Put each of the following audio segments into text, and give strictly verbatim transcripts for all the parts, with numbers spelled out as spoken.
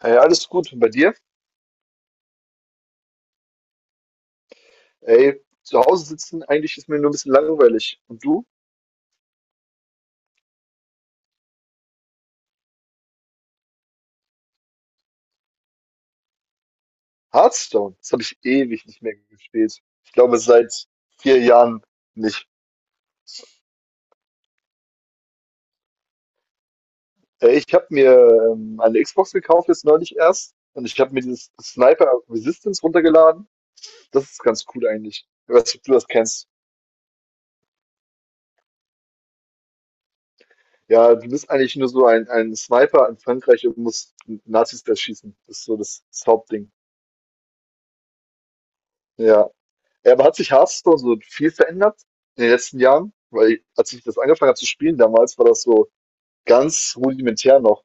Hey, alles gut. Und bei dir? Ey, zu Hause sitzen, eigentlich ist mir nur ein bisschen langweilig. Und du? Hearthstone. Das habe ich ewig nicht mehr gespielt. Ich glaube, seit vier Jahren nicht. Ey, ich habe mir ähm, eine Xbox gekauft, jetzt neulich erst. Und ich habe mir dieses Sniper Resistance runtergeladen. Das ist ganz cool eigentlich. Ich weiß nicht, ob du das kennst. Ja, du bist eigentlich nur so ein, ein Sniper in Frankreich und musst Nazis erschießen. Das ist so das, das Hauptding. Ja. Ja, aber hat sich Hearthstone so viel verändert in den letzten Jahren? Weil als ich das angefangen habe zu spielen damals, war das so ganz rudimentär noch.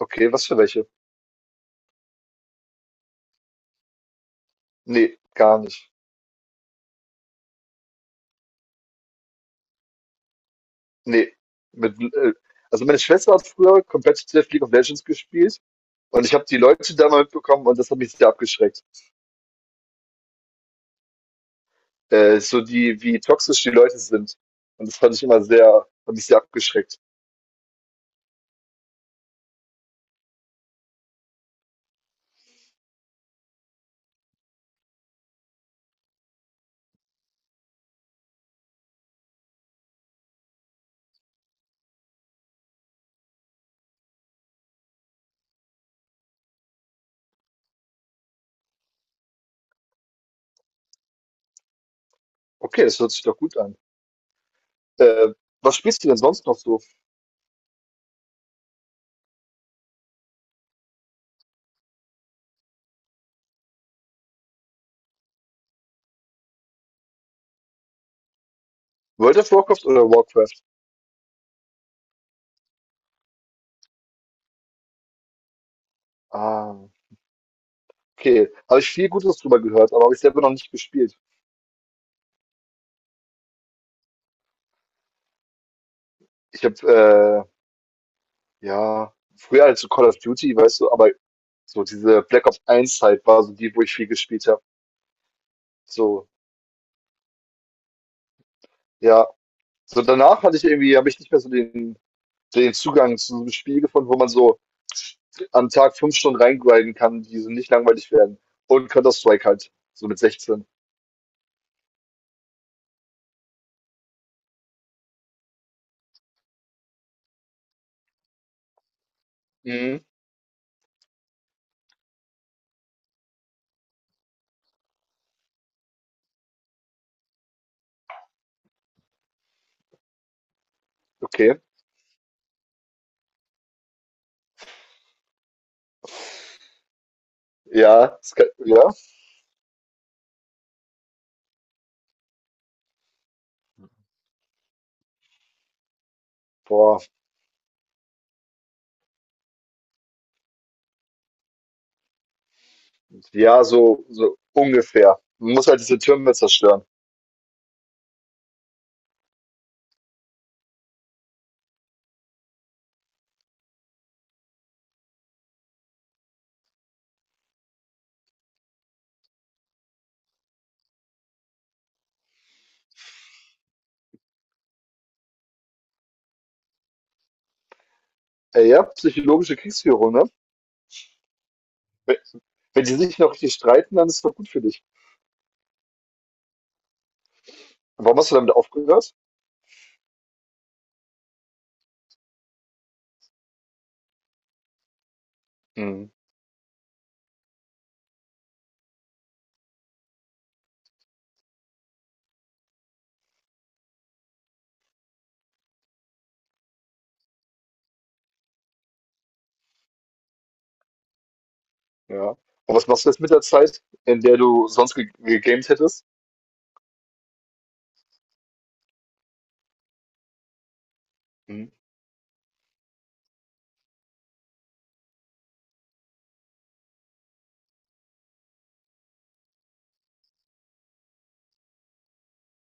Okay, was für welche? Nee, gar nicht. Nee. Mit, äh, also meine Schwester hat früher Competitive League of Legends gespielt und ich habe die Leute da mal mitbekommen und das hat mich sehr abgeschreckt. Äh, so die, wie toxisch die Leute sind. Und das fand ich immer sehr, hat mich sehr abgeschreckt. Okay, das hört sich doch gut an. Äh, Was spielst du denn sonst noch so? World of Warcraft oder Warcraft? Ah. Okay, habe ich viel Gutes drüber gehört, aber habe ich selber noch nicht gespielt. Ich habe, äh, ja, früher halt so Call of Duty, weißt du, aber so diese Black Ops eins Zeit war so die, wo ich viel gespielt habe. So, ja. So danach hatte ich irgendwie, habe ich nicht mehr so den, den Zugang zu so einem Spiel gefunden, wo man so am Tag fünf Stunden reingrinden kann, die so nicht langweilig werden. Und Counter-Strike halt, so mit sechzehn. Mhm, okay. Ja, das kann, ja, boah, ja, so, so ungefähr. Man muss halt diese Türme zerstören. Äh, ja, psychologische Kriegsführung, ne? Wenn wenn die sich noch richtig streiten, dann ist es doch gut für dich. Und warum hast du damit aufgehört? Hm, ja. Und was machst du jetzt mit der Zeit, in der du sonst ge gegamed hättest? Hm.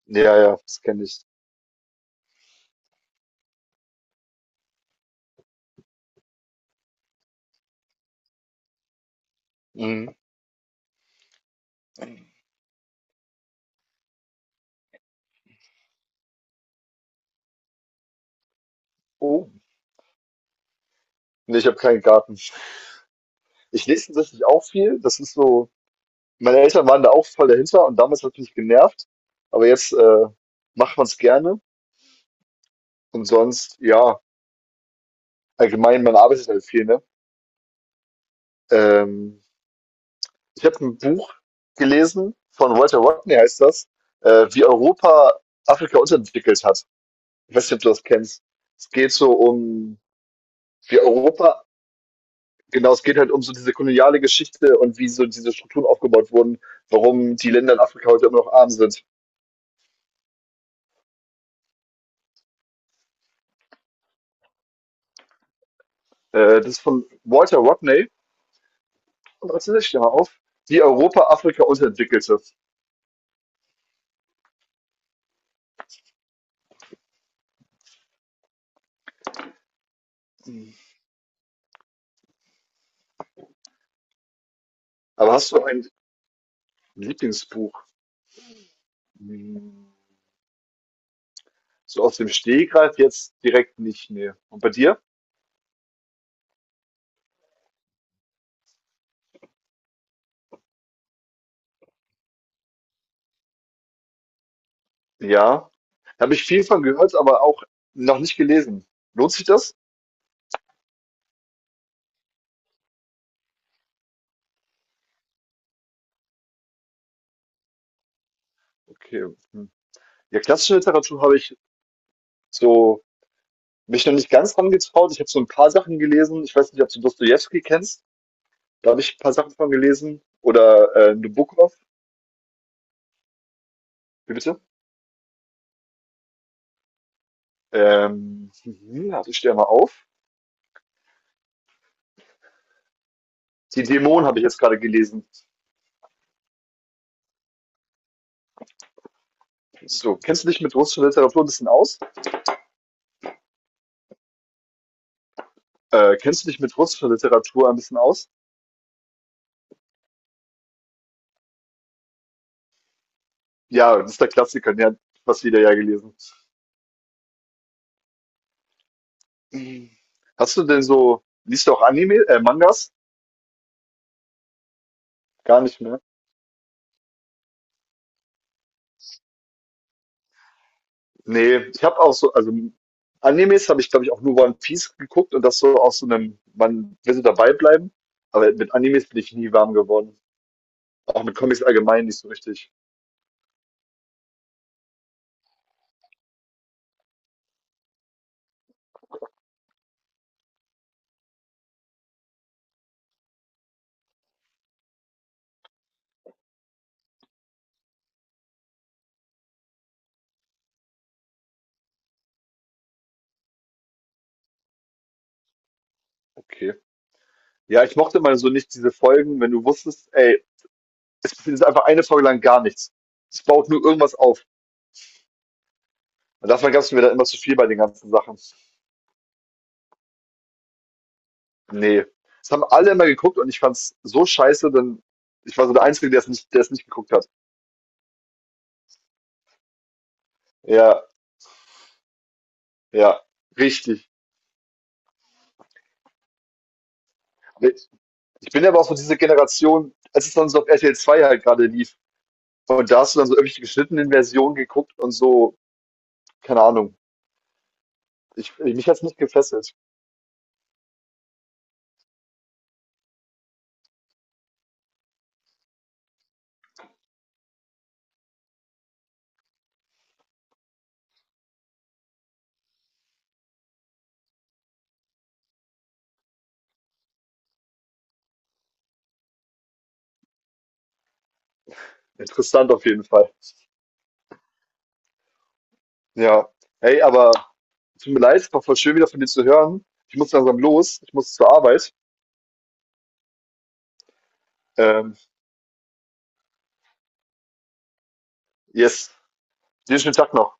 Ja, ja, das kenne ich. Hm. Oh, nee, ich habe keinen Garten. Ich lese tatsächlich auch viel. Das ist so, meine Eltern waren da auch voll dahinter und damals hat mich genervt. Aber jetzt äh, macht man es gerne. Und sonst, ja, allgemein, man arbeitet halt viel, ne? Ähm, Ich habe ein Buch gelesen von Walter Rodney, heißt das, äh, wie Europa Afrika unterentwickelt hat. Ich weiß nicht, ob du das kennst. Es geht so um, wie Europa, genau, es geht halt um so diese koloniale Geschichte und wie so diese Strukturen aufgebaut wurden, warum die Länder in Afrika heute immer noch arm sind. Äh, das ist von Walter Rodney und das ist mal auf, wie Europa Afrika unterentwickelte. Aber hast du ein Lieblingsbuch? Hm, so aus dem Stehgreif jetzt direkt nicht mehr. Und bei dir? Ja, habe ich viel von gehört, aber auch noch nicht gelesen. Lohnt sich das? Okay, hm. Ja, klassische Literatur habe ich so mich noch nicht ganz dran getraut. Ich habe so ein paar Sachen gelesen. Ich weiß nicht, ob du Dostojewski kennst. Da habe ich ein paar Sachen von gelesen. Oder äh, Nabokov. Wie bitte? Ähm, mhm, also ich stehe mal auf. Die Dämonen habe ich jetzt gerade gelesen. So, kennst du dich mit russischer Literatur ein bisschen aus? Äh, kennst du dich mit russischer Literatur ein bisschen aus? Ja, das ist der Klassiker. Ja, was wieder ja gelesen. Hm. Hast du denn so, liest du auch Anime, äh, Mangas? Gar nicht mehr. Nee, ich habe auch so, also Animes habe ich, glaube ich, auch nur One Piece geguckt und das so aus so einem, man will so dabei bleiben, aber mit Animes bin ich nie warm geworden. Auch mit Comics allgemein nicht so richtig. Okay. Ja, ich mochte mal so nicht diese Folgen, wenn du wusstest, ey, es ist einfach eine Folge lang gar nichts. Es baut nur irgendwas auf. Und davon gab es mir dann immer zu viel bei den ganzen Sachen. Nee, das haben alle immer geguckt und ich fand's so scheiße, denn ich war so der Einzige, der es nicht der es nicht geguckt hat. Ja, ja, richtig. Ne, ich bin ja aber auch so diese Generation, als es dann so auf R T L zwei halt gerade lief und da hast du dann so irgendwelche geschnittenen Versionen geguckt und so, keine Ahnung. Ich mich hat's nicht gefesselt. Interessant auf jeden Fall. Ja. Hey, aber tut mir leid, war voll schön, wieder von dir zu hören. Ich muss langsam los, ich muss zur Arbeit. Ähm, yes, dir schönen Tag noch.